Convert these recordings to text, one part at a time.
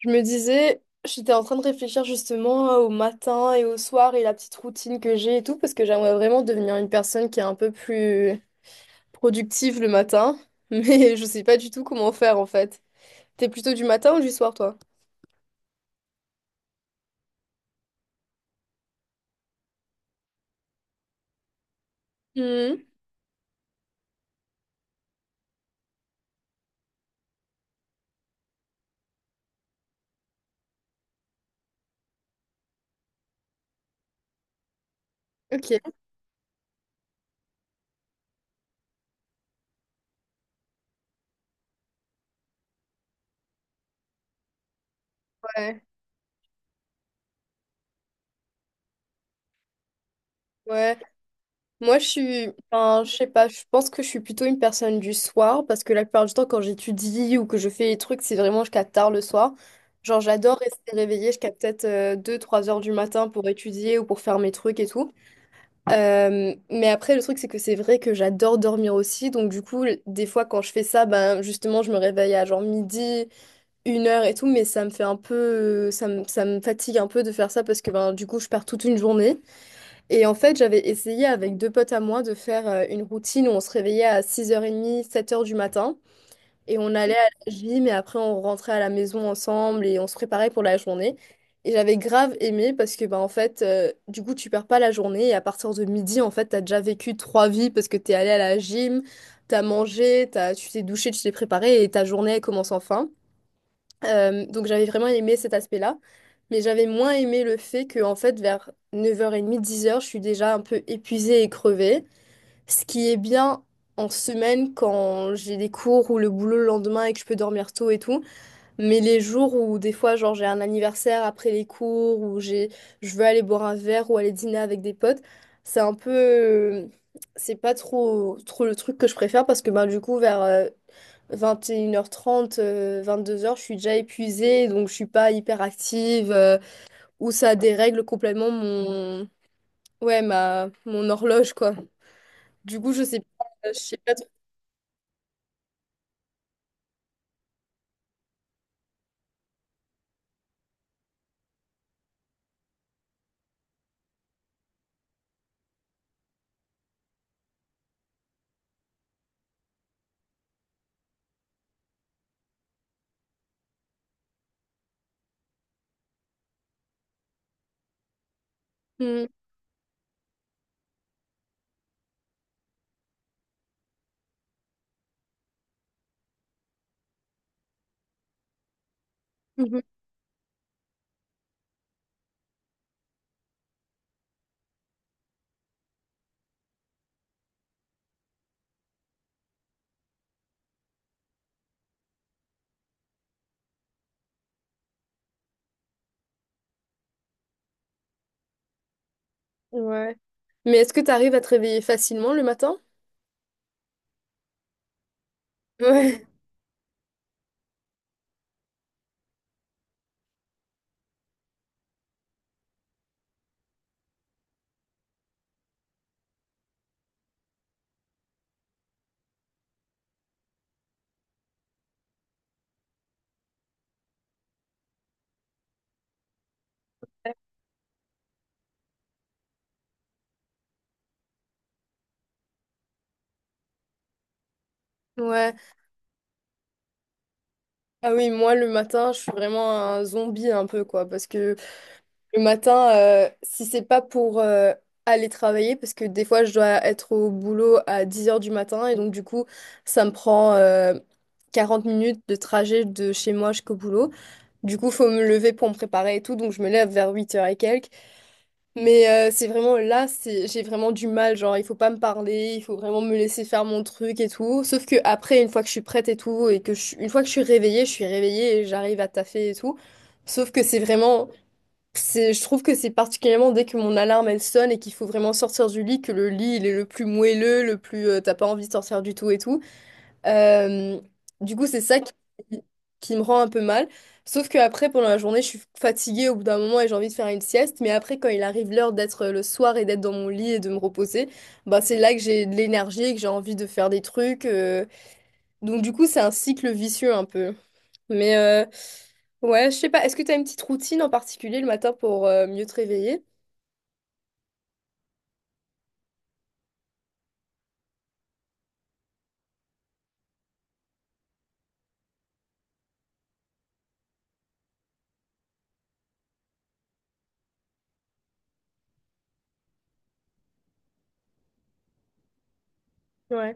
Je me disais, j'étais en train de réfléchir justement au matin et au soir et la petite routine que j'ai et tout, parce que j'aimerais vraiment devenir une personne qui est un peu plus productive le matin, mais je sais pas du tout comment faire en fait. T'es plutôt du matin ou du soir, toi? Mhm. Ok, ouais, ouais. Moi, je suis, enfin, je sais pas, je pense que je suis plutôt une personne du soir, parce que la plupart du temps, quand j'étudie ou que je fais les trucs, c'est vraiment jusqu'à tard le soir. Genre, j'adore rester réveillée jusqu'à peut-être deux trois heures du matin pour étudier ou pour faire mes trucs et tout. Mais après, le truc, c'est que c'est vrai que j'adore dormir aussi. Donc, du coup, des fois, quand je fais ça, ben, justement, je me réveille à genre midi, une heure et tout. Mais ça me fait un peu. Ça me fatigue un peu de faire ça parce que, ben, du coup, je pars toute une journée. Et en fait, j'avais essayé avec deux potes à moi de faire une routine où on se réveillait à 6h30, 7 heures du matin. Et on allait à la gym et après on rentrait à la maison ensemble et on se préparait pour la journée. Et j'avais grave aimé parce que bah en fait du coup tu perds pas la journée et à partir de midi en fait t'as déjà vécu trois vies parce que t'es allé à la gym, t'as mangé, tu t'es douché, tu t'es préparé et ta journée elle commence enfin. Donc j'avais vraiment aimé cet aspect-là. Mais j'avais moins aimé le fait que en fait vers 9h30, 10 heures je suis déjà un peu épuisée et crevée. Ce qui est bien en semaine quand j'ai des cours ou le boulot le lendemain et que je peux dormir tôt et tout, mais les jours où des fois genre j'ai un anniversaire après les cours ou j'ai je veux aller boire un verre ou aller dîner avec des potes, c'est un peu c'est pas trop trop le truc que je préfère parce que ben du coup vers 21h30 2 heures je suis déjà épuisée, donc je suis pas hyper active, ou ça dérègle complètement mon, ouais, ma, mon horloge, quoi. Du coup, je sais pas, je sais pas. Mhm. Mhm. Ouais. Mais est-ce que tu arrives à te réveiller facilement le matin? Ouais. Ouais. Ah oui, moi le matin, je suis vraiment un zombie un peu quoi parce que le matin si c'est pas pour aller travailler parce que des fois je dois être au boulot à 10 heures du matin et donc du coup, ça me prend 40 minutes de trajet de chez moi jusqu'au boulot. Du coup, faut me lever pour me préparer et tout donc je me lève vers 8 heures et quelques. Mais c'est vraiment là, c'est j'ai vraiment du mal, genre il faut pas me parler, il faut vraiment me laisser faire mon truc et tout. Sauf que après, une fois que je suis prête et tout, et que une fois que je suis réveillée et j'arrive à taffer et tout. Sauf que c'est vraiment, je trouve que c'est particulièrement dès que mon alarme elle sonne et qu'il faut vraiment sortir du lit, que le lit il est le plus moelleux, le plus t'as pas envie de sortir du tout et tout. Euh, du coup, c'est ça qui me rend un peu mal. Sauf que après, pendant la journée, je suis fatiguée au bout d'un moment et j'ai envie de faire une sieste. Mais après, quand il arrive l'heure d'être le soir et d'être dans mon lit et de me reposer, bah, c'est là que j'ai de l'énergie et que j'ai envie de faire des trucs. Donc, du coup, c'est un cycle vicieux un peu. Mais ouais, je sais pas. Est-ce que tu as une petite routine en particulier le matin pour mieux te réveiller? Ouais.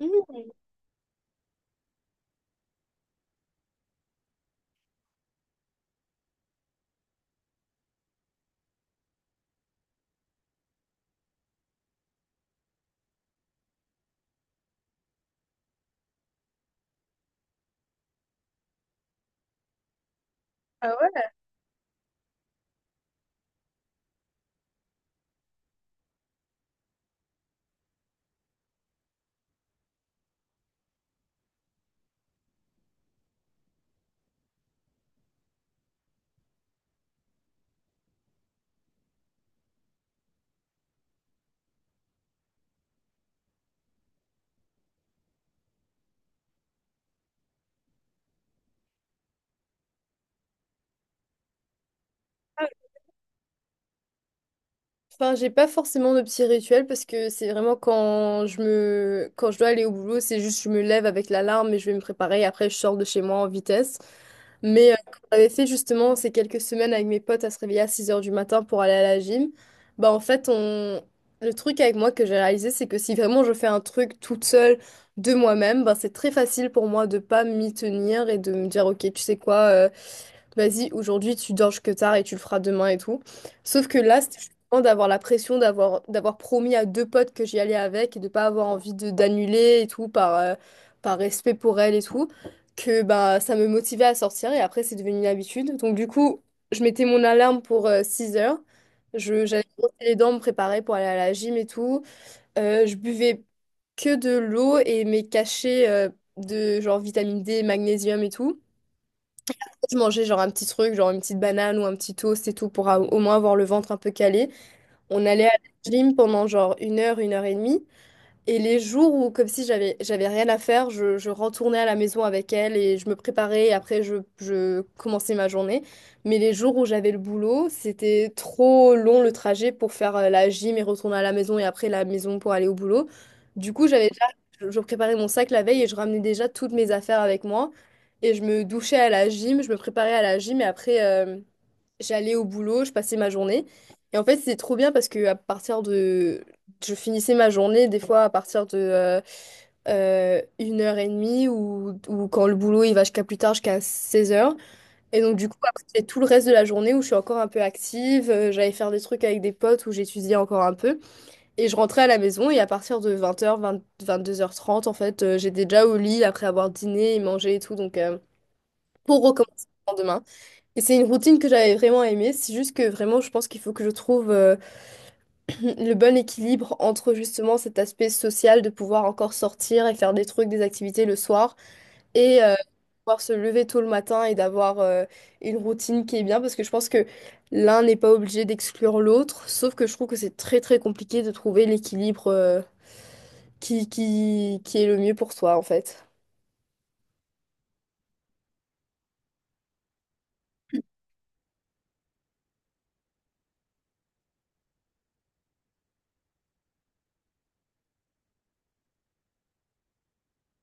Mhm. Ah ouais? Enfin, j'ai pas forcément de petits rituels parce que c'est vraiment quand je me quand je dois aller au boulot, c'est juste je me lève avec l'alarme et je vais me préparer. Après, je sors de chez moi en vitesse. Mais quand j'avais fait justement ces quelques semaines avec mes potes à se réveiller à 6 heures du matin pour aller à la gym, bah en fait, le truc avec moi que j'ai réalisé, c'est que si vraiment je fais un truc toute seule de moi-même, bah c'est très facile pour moi de pas m'y tenir et de me dire, ok, tu sais quoi, vas-y, aujourd'hui tu dors que tard et tu le feras demain et tout. Sauf que là, c'était justement d'avoir la pression d'avoir promis à deux potes que j'y allais avec et de pas avoir envie de d'annuler et tout par respect pour elles et tout que bah ça me motivait à sortir et après c'est devenu une habitude. Donc du coup, je mettais mon alarme pour 6 heures. J'allais me brosser les dents, me préparer pour aller à la gym et tout. Je buvais que de l'eau et mes cachets de genre vitamine D, magnésium et tout. Je mangeais genre un petit truc, genre une petite banane ou un petit toast et tout pour au moins avoir le ventre un peu calé. On allait à la gym pendant genre 1 heure, 1 heure et demie. Et les jours où, comme si j'avais rien à faire, je retournais à la maison avec elle et je me préparais et après je commençais ma journée. Mais les jours où j'avais le boulot, c'était trop long le trajet pour faire la gym et retourner à la maison et après la maison pour aller au boulot. Du coup, j'avais déjà, je préparais mon sac la veille et je ramenais déjà toutes mes affaires avec moi. Et je me douchais à la gym, je me préparais à la gym et après j'allais au boulot, je passais ma journée. Et en fait, c'est trop bien parce que à partir de je finissais ma journée des fois à partir de 1 heure et demie ou quand le boulot il va jusqu'à plus tard jusqu'à 16 heures. Et donc du coup après c'est tout le reste de la journée où je suis encore un peu active, j'allais faire des trucs avec des potes où j'étudiais encore un peu. Et je rentrais à la maison et à partir de 22h30 en fait j'étais déjà au lit après avoir dîné et mangé et tout donc pour recommencer le lendemain. Et c'est une routine que j'avais vraiment aimée, c'est juste que vraiment je pense qu'il faut que je trouve le bon équilibre entre justement cet aspect social de pouvoir encore sortir et faire des trucs, des activités le soir et pouvoir se lever tôt le matin et d'avoir une routine qui est bien parce que je pense que l'un n'est pas obligé d'exclure l'autre, sauf que je trouve que c'est très très compliqué de trouver l'équilibre qui est le mieux pour soi en fait.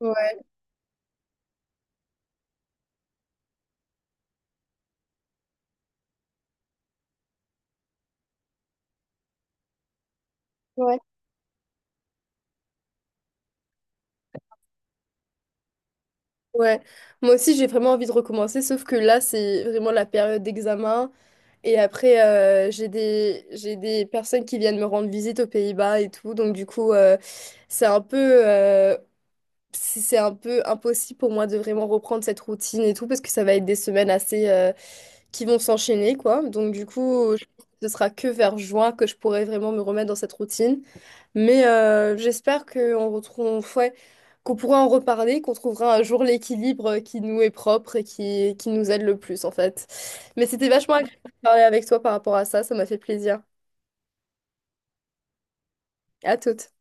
Ouais. Ouais. Ouais, moi aussi j'ai vraiment envie de recommencer, sauf que là c'est vraiment la période d'examen. Et après, j'ai des personnes qui viennent me rendre visite aux Pays-Bas et tout. Donc, du coup, c'est un peu, euh, c'est un peu impossible pour moi de vraiment reprendre cette routine et tout, parce que ça va être des semaines assez, qui vont s'enchaîner, quoi. Donc, du coup, je pense que ce sera que vers juin que je pourrai vraiment me remettre dans cette routine. Mais j'espère qu'on retrouve, ouais, qu'on pourra en reparler, qu'on trouvera un jour l'équilibre qui nous est propre et qui nous aide le plus, en fait. Mais c'était vachement agréable de parler avec toi par rapport à ça. Ça m'a fait plaisir. À toute.